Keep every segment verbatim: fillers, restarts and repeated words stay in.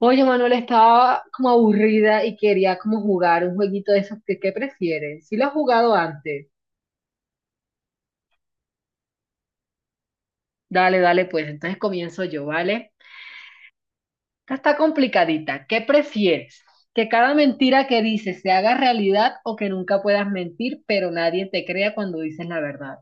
Oye, Manuel, estaba como aburrida y quería como jugar un jueguito de esos que, ¿qué prefieres? Si lo has jugado antes. Dale, dale, pues entonces comienzo yo, ¿vale? Esta está complicadita. ¿Qué prefieres? ¿Que cada mentira que dices se haga realidad o que nunca puedas mentir, pero nadie te crea cuando dices la verdad?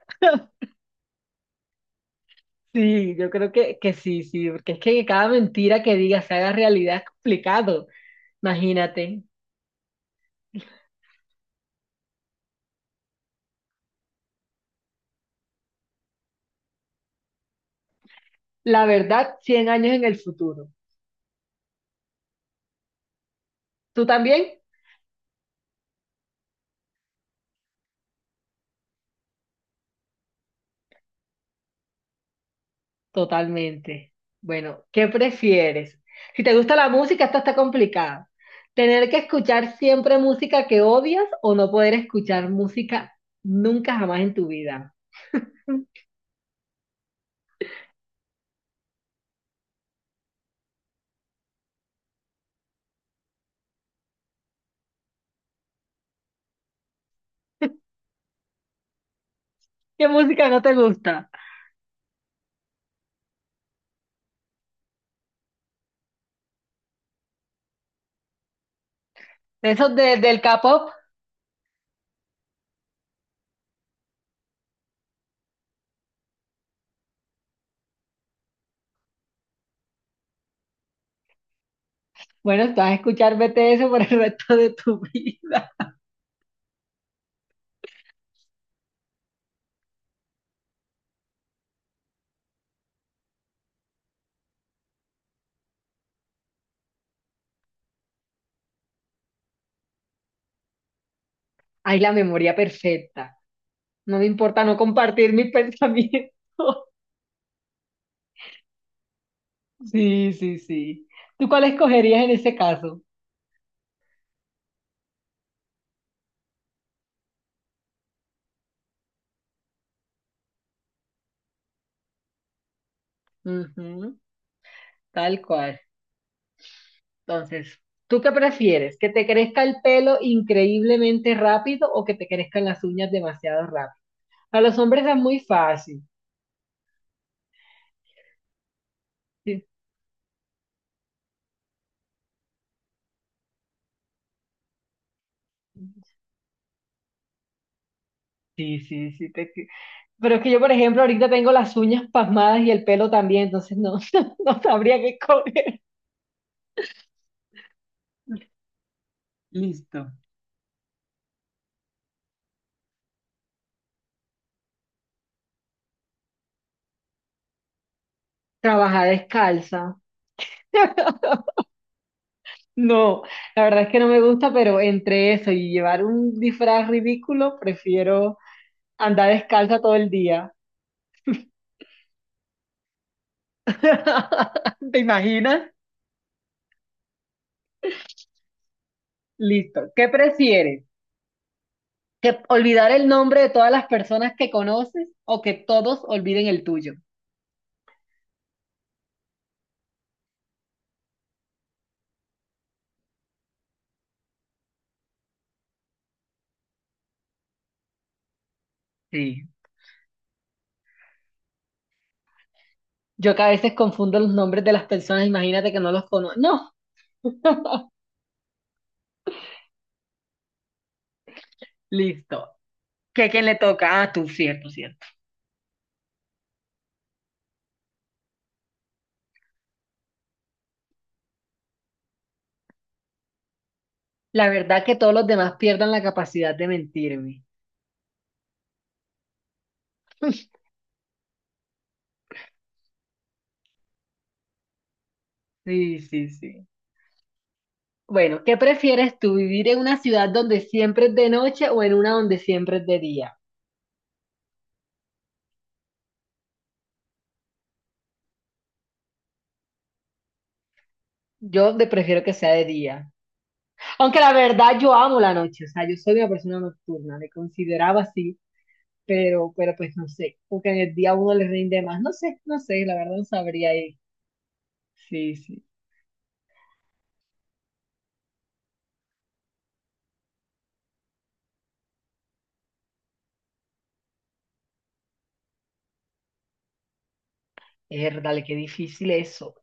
Sí, yo creo que, que sí, sí, porque es que cada mentira que digas se haga realidad es complicado. Imagínate. La verdad, cien años en el futuro. ¿Tú también? Totalmente. Bueno, ¿qué prefieres? Si te gusta la música, esto está complicado. ¿Tener que escuchar siempre música que odias o no poder escuchar música nunca jamás en tu vida? ¿Qué música no te gusta? ¿De esos de- del K-pop? Bueno, vas a escuchar B T S por el resto de tu vida. Hay la memoria perfecta. No me importa no compartir mis pensamientos. Sí, sí, sí. ¿Tú cuál escogerías en ese caso? Ujú, tal cual. Entonces, ¿tú qué prefieres? ¿Que te crezca el pelo increíblemente rápido o que te crezcan las uñas demasiado rápido? A los hombres es muy fácil. Sí, sí, sí, sí, te- pero es que yo, por ejemplo, ahorita tengo las uñas pasmadas y el pelo también, entonces no, no sabría qué comer. Listo. Trabajar descalza. No, la verdad es que no me gusta, pero entre eso y llevar un disfraz ridículo, prefiero andar descalza todo el día. ¿Te imaginas? Listo. ¿Qué prefieres? ¿Que olvidar el nombre de todas las personas que conoces o que todos olviden el tuyo? Sí. Yo que a veces confundo los nombres de las personas, imagínate que no los conozco. No, listo. ¿Qué quién le toca? Ah, tú, cierto, cierto. La verdad que todos los demás pierdan la capacidad de mentirme. Sí, sí, sí. Bueno, ¿qué prefieres tú, vivir en una ciudad donde siempre es de noche o en una donde siempre es de día? Yo de- prefiero que sea de día. Aunque la verdad yo amo la noche, o sea, yo soy una persona nocturna, me consideraba así, pero, pero pues no sé, porque en el día uno le rinde más, no sé, no sé, la verdad no sabría ahí. Sí, sí, es dale, qué difícil eso.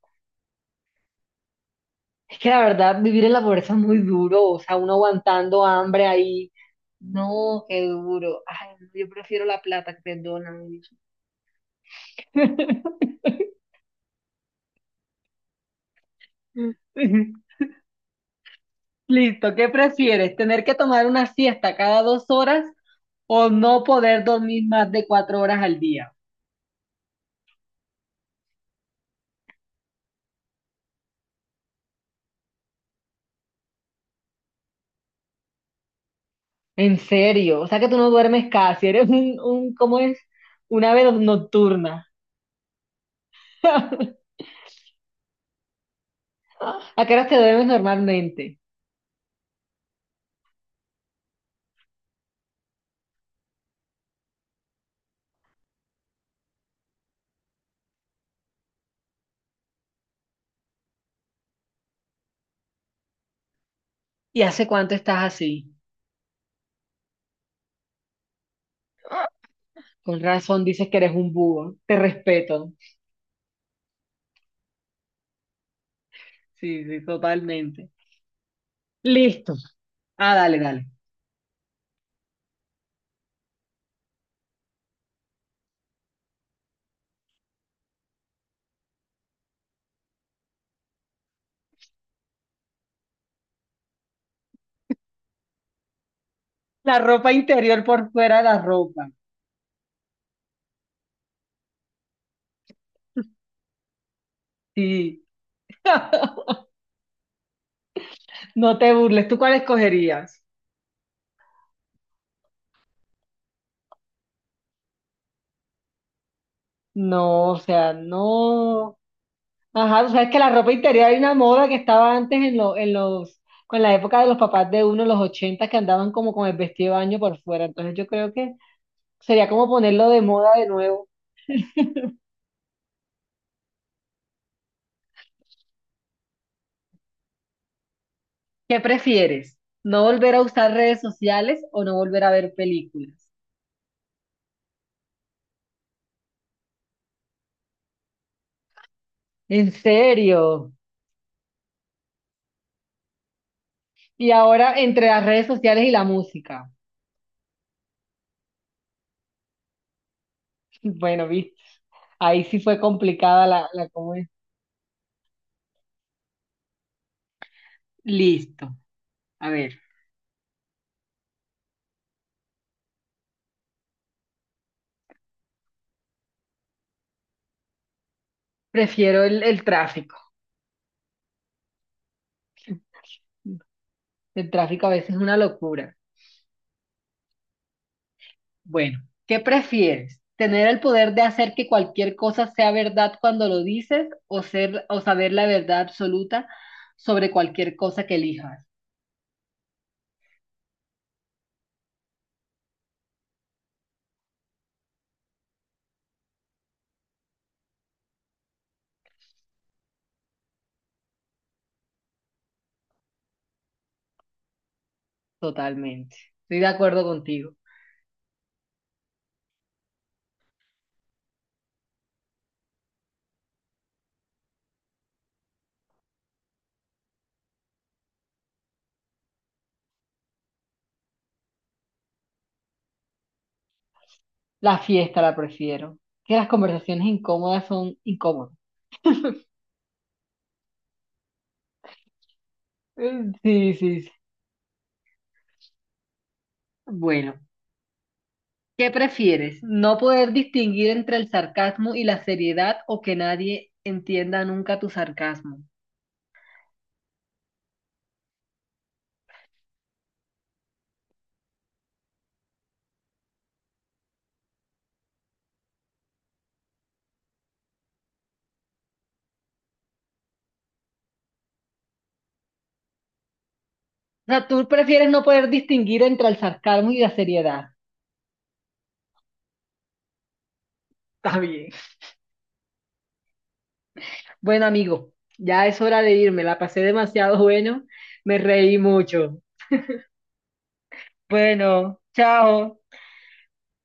Es que la verdad vivir en la pobreza es muy duro, o sea, uno aguantando hambre ahí, no, qué duro. Ay, no, yo prefiero la plata, perdóname. Listo, ¿qué prefieres? ¿Tener que tomar una siesta cada dos horas o no poder dormir más de cuatro horas al día? En serio, o sea que tú no duermes casi, eres un, un ¿cómo es? Un ave no, nocturna. ¿A qué horas te duermes normalmente? ¿Y hace cuánto estás así? Con razón dices que eres un búho, te respeto. Sí, sí, totalmente. Listo. Ah, dale, dale. La ropa interior por fuera de la ropa. Sí, no te burles. ¿Tú cuál escogerías? No, o sea, no. Ajá, tú sabes que la ropa interior hay una moda que estaba antes en, lo- en los, con la época de los papás de uno, los ochenta, que andaban como con el vestido de baño por fuera. Entonces yo creo que sería como ponerlo de moda de nuevo. ¿Qué prefieres? ¿No volver a usar redes sociales o no volver a ver películas? En serio. Y ahora entre las redes sociales y la música. Bueno, viste, ahí sí fue complicada la, la ¿cómo es? Listo. A ver, prefiero el el tráfico. El tráfico a veces es una locura. Bueno, ¿qué prefieres? ¿Tener el poder de hacer que cualquier cosa sea verdad cuando lo dices o ser o saber la verdad absoluta sobre cualquier cosa que elijas? Totalmente. Estoy de acuerdo contigo. La fiesta la prefiero. Que las conversaciones incómodas son incómodas. Eh, Sí, sí, sí. Bueno, ¿qué prefieres? ¿No poder distinguir entre el sarcasmo y la seriedad o que nadie entienda nunca tu sarcasmo? O sea, tú prefieres no poder distinguir entre el sarcasmo y la seriedad. Está bien. Bueno, amigo, ya es hora de irme. La pasé demasiado bueno. Me reí mucho. Bueno, chao.